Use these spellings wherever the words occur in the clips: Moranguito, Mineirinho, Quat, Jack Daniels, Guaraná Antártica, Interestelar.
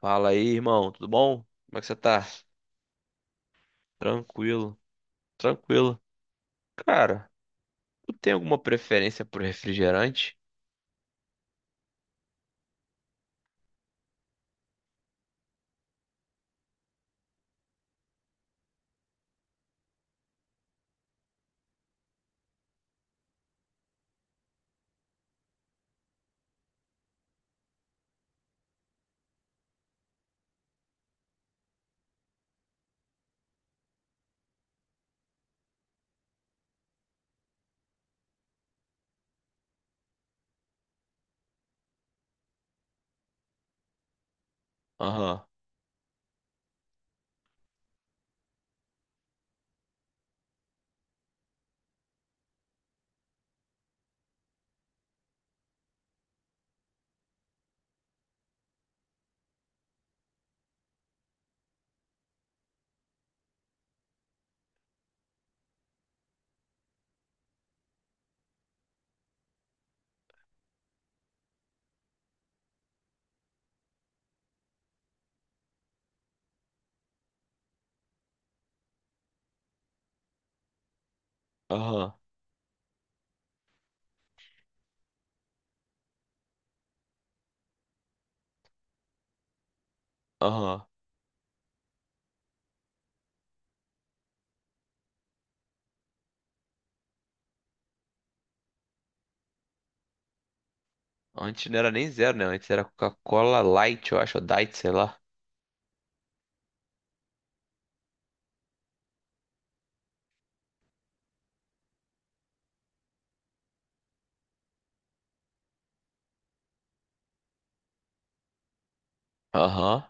Fala aí, irmão, tudo bom? Como é que você tá? Tranquilo, tranquilo. Cara, tu tem alguma preferência por refrigerante? Aham, aham, aham. Antes não era nem zero, né? Antes era Coca-Cola Light, eu acho, ou Diet, sei lá. Aham.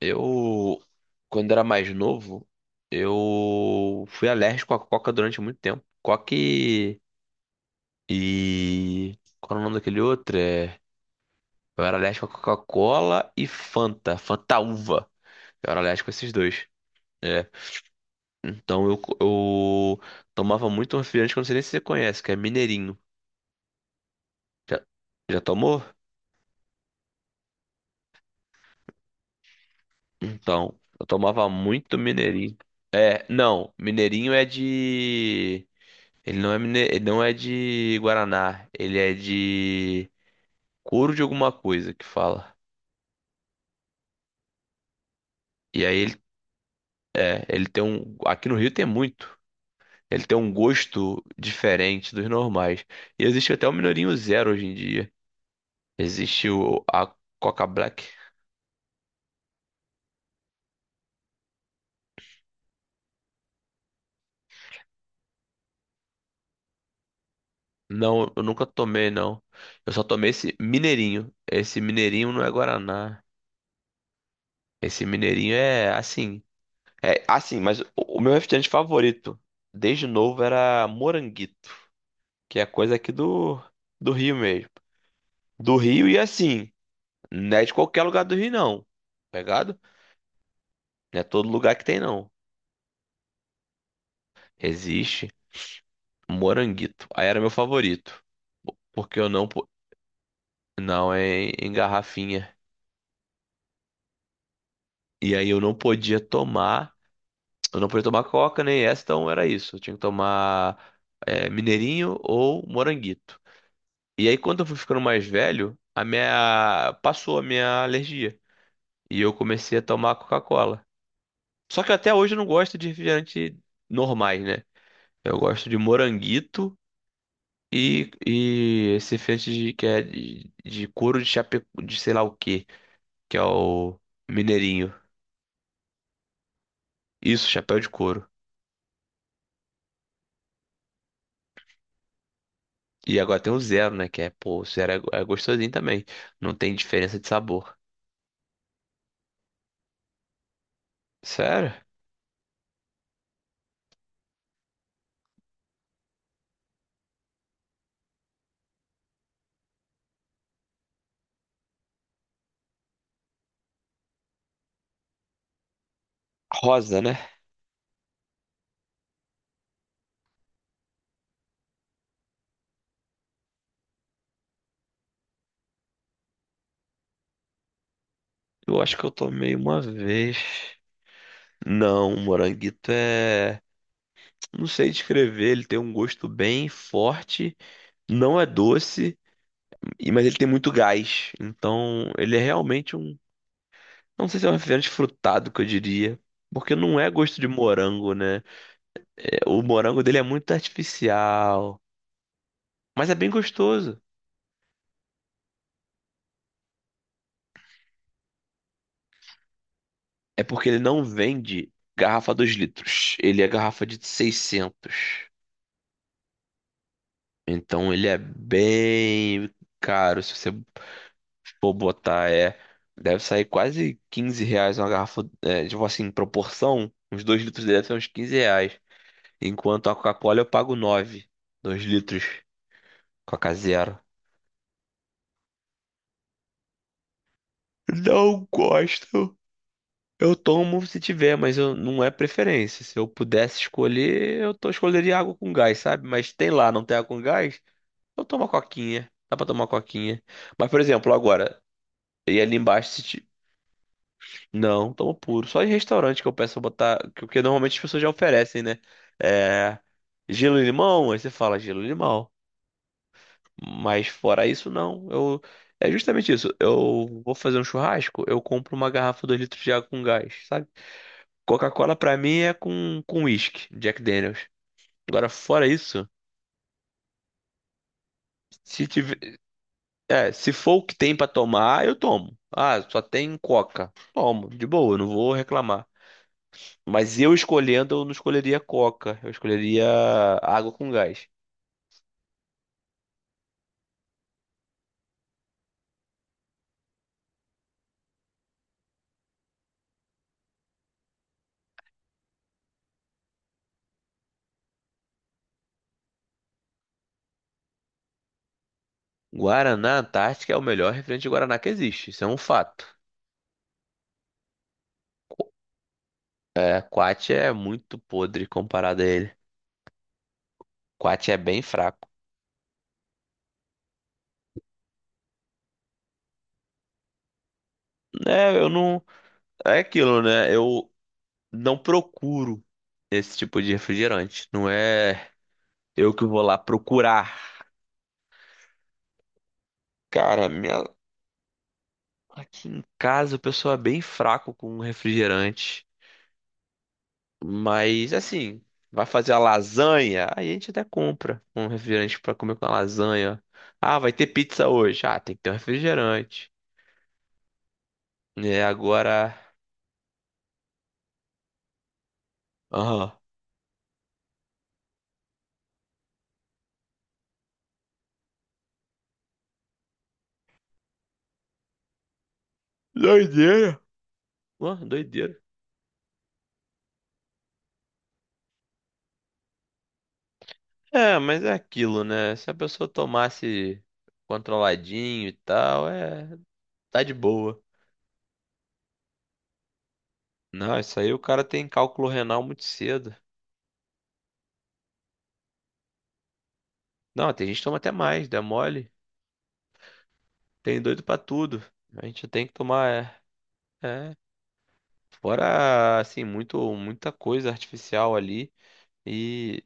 Eu, Quando era mais novo, eu fui alérgico à Coca durante muito tempo. Coca Qual era o nome daquele outro? Eu era alérgico à Coca-Cola e Fanta, Fanta uva. Eu era alérgico a esses dois. É. Então eu tomava muito refrigerante que eu não sei nem se você conhece, que é Mineirinho. Já, já tomou? Então, eu tomava muito Mineirinho. É, não, Mineirinho é de. Ele ele não é de Guaraná, ele é de couro de alguma coisa que fala. E aí ele tem um. Aqui no Rio tem muito. Ele tem um gosto diferente dos normais. E existe até o Mineirinho Zero hoje em dia. Existe a Coca Black. Não, eu nunca tomei, não. Eu só tomei esse mineirinho. Esse mineirinho não é Guaraná. Esse mineirinho é assim. É assim, o meu refrigerante favorito, desde novo, era Moranguito, que é coisa aqui do Rio mesmo. Do Rio e assim, não é de qualquer lugar do Rio, não. Pegado? Não é todo lugar que tem, não. Existe Moranguito. Aí era meu favorito. Porque eu não. po- Não, é em garrafinha. E aí eu não podia tomar. Eu não podia tomar coca nem essa, então era isso. Eu tinha que tomar mineirinho ou moranguito. E aí, quando eu fui ficando mais velho, a minha passou a minha alergia e eu comecei a tomar Coca-Cola. Só que até hoje eu não gosto de refrigerante normais, né? Eu gosto de moranguito e esse refrigerante que é de couro de chapéu de sei lá o quê, que é o mineirinho. Isso, chapéu de couro. E agora tem o zero, né? Que é, pô, o zero é gostosinho também. Não tem diferença de sabor. Sério? Rosa, né? Eu acho que eu tomei uma vez. Não, o moranguito é. Não sei descrever. Ele tem um gosto bem forte. Não é doce, mas ele tem muito gás. Então, ele é realmente um. Não sei se é um refrigerante frutado que eu diria. Porque não é gosto de morango, né? É, o morango dele é muito artificial. Mas é bem gostoso. É porque ele não vende garrafa 2 litros. Ele é garrafa de 600. Então ele é bem caro. Se você for botar, é. Deve sair quase 15 reais uma garrafa. É, tipo assim, em proporção, uns 2 litros dele são uns 15 reais. Enquanto a Coca-Cola eu pago 9 2 litros. Coca zero. Não gosto. Eu tomo se tiver, não é preferência. Se eu pudesse escolher, escolheria água com gás, sabe? Mas tem lá, não tem água com gás? Eu tomo uma coquinha. Dá pra tomar uma coquinha. Mas, por exemplo, agora, e ali embaixo, se ti- não, tomo puro. Só em restaurante que eu peço pra botar. Porque normalmente as pessoas já oferecem, né? É, gelo e limão, aí você fala gelo e limão. Mas fora isso, não. É justamente isso. Eu vou fazer um churrasco, eu compro uma garrafa 2 litros de água com gás, sabe? Coca-Cola pra mim é com uísque, Jack Daniels. Agora, fora isso, se tiver. É, se for o que tem pra tomar, eu tomo. Ah, só tem Coca. Tomo, de boa, eu não vou reclamar. Mas eu escolhendo, eu não escolheria Coca. Eu escolheria água com gás. Guaraná Antártica é o melhor refrigerante de Guaraná que existe. Isso é um fato. É, Quat é muito podre comparado a ele. Quat é bem fraco. É, eu não. É aquilo, né? Eu não procuro esse tipo de refrigerante. Não é eu que vou lá procurar. Cara, minha, Aqui em casa o pessoal é bem fraco com refrigerante, mas assim, vai fazer a lasanha, aí a gente até compra um refrigerante pra comer com a lasanha. Ah, vai ter pizza hoje. Ah, tem que ter um refrigerante. É, agora. Aham. Doideira. Ó, doideira. É, mas é aquilo, né? Se a pessoa tomasse controladinho e tal, é. Tá de boa. Não, isso aí o cara tem cálculo renal muito cedo. Não, tem gente que toma até mais, dá mole. Tem doido pra tudo. A gente tem que tomar. É, é, fora, assim, muita coisa artificial ali. E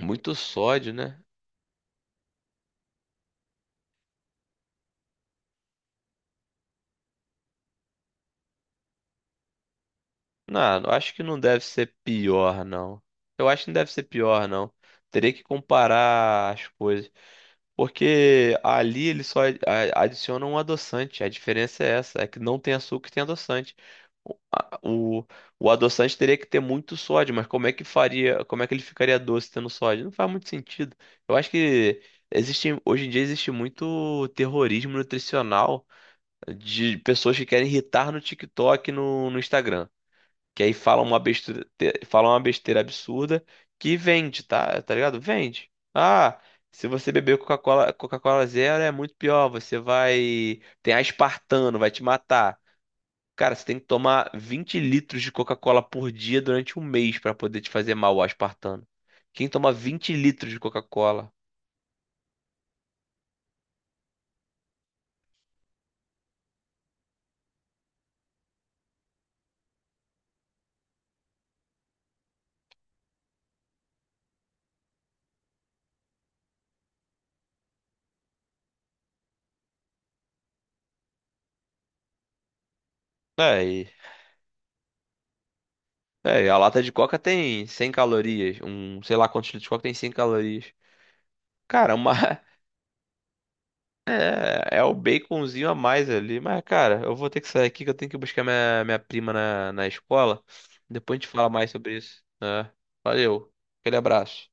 muito sódio, né? Não, eu acho que não deve ser pior, não. Eu acho que não deve ser pior, não. Teria que comparar as coisas. Porque ali ele só adiciona um adoçante. A diferença é essa, é que não tem açúcar e tem adoçante. O, a- o, o adoçante teria que ter muito sódio, mas como é que faria, como é que ele ficaria doce tendo sódio? Não faz muito sentido. Eu acho que existe, hoje em dia existe muito terrorismo nutricional de pessoas que querem irritar no TikTok, e no Instagram. Que aí fala uma besteira absurda que vende, tá? Tá ligado? Vende. Ah, se você beber Coca-Cola, Coca-Cola zero é muito pior, você vai tem aspartano, vai te matar. Cara, você tem que tomar 20 litros de Coca-Cola por dia durante 1 mês pra poder te fazer mal o aspartano. Quem toma 20 litros de Coca-Cola? É, e, é, e a lata de Coca tem 100 calorias. Um, sei lá quantos litros de Coca tem 100 calorias. Cara, uma, É, é o baconzinho a mais ali. Mas, cara, eu vou ter que sair aqui que eu tenho que buscar minha prima na escola. Depois a gente fala mais sobre isso. né? Valeu. Aquele abraço.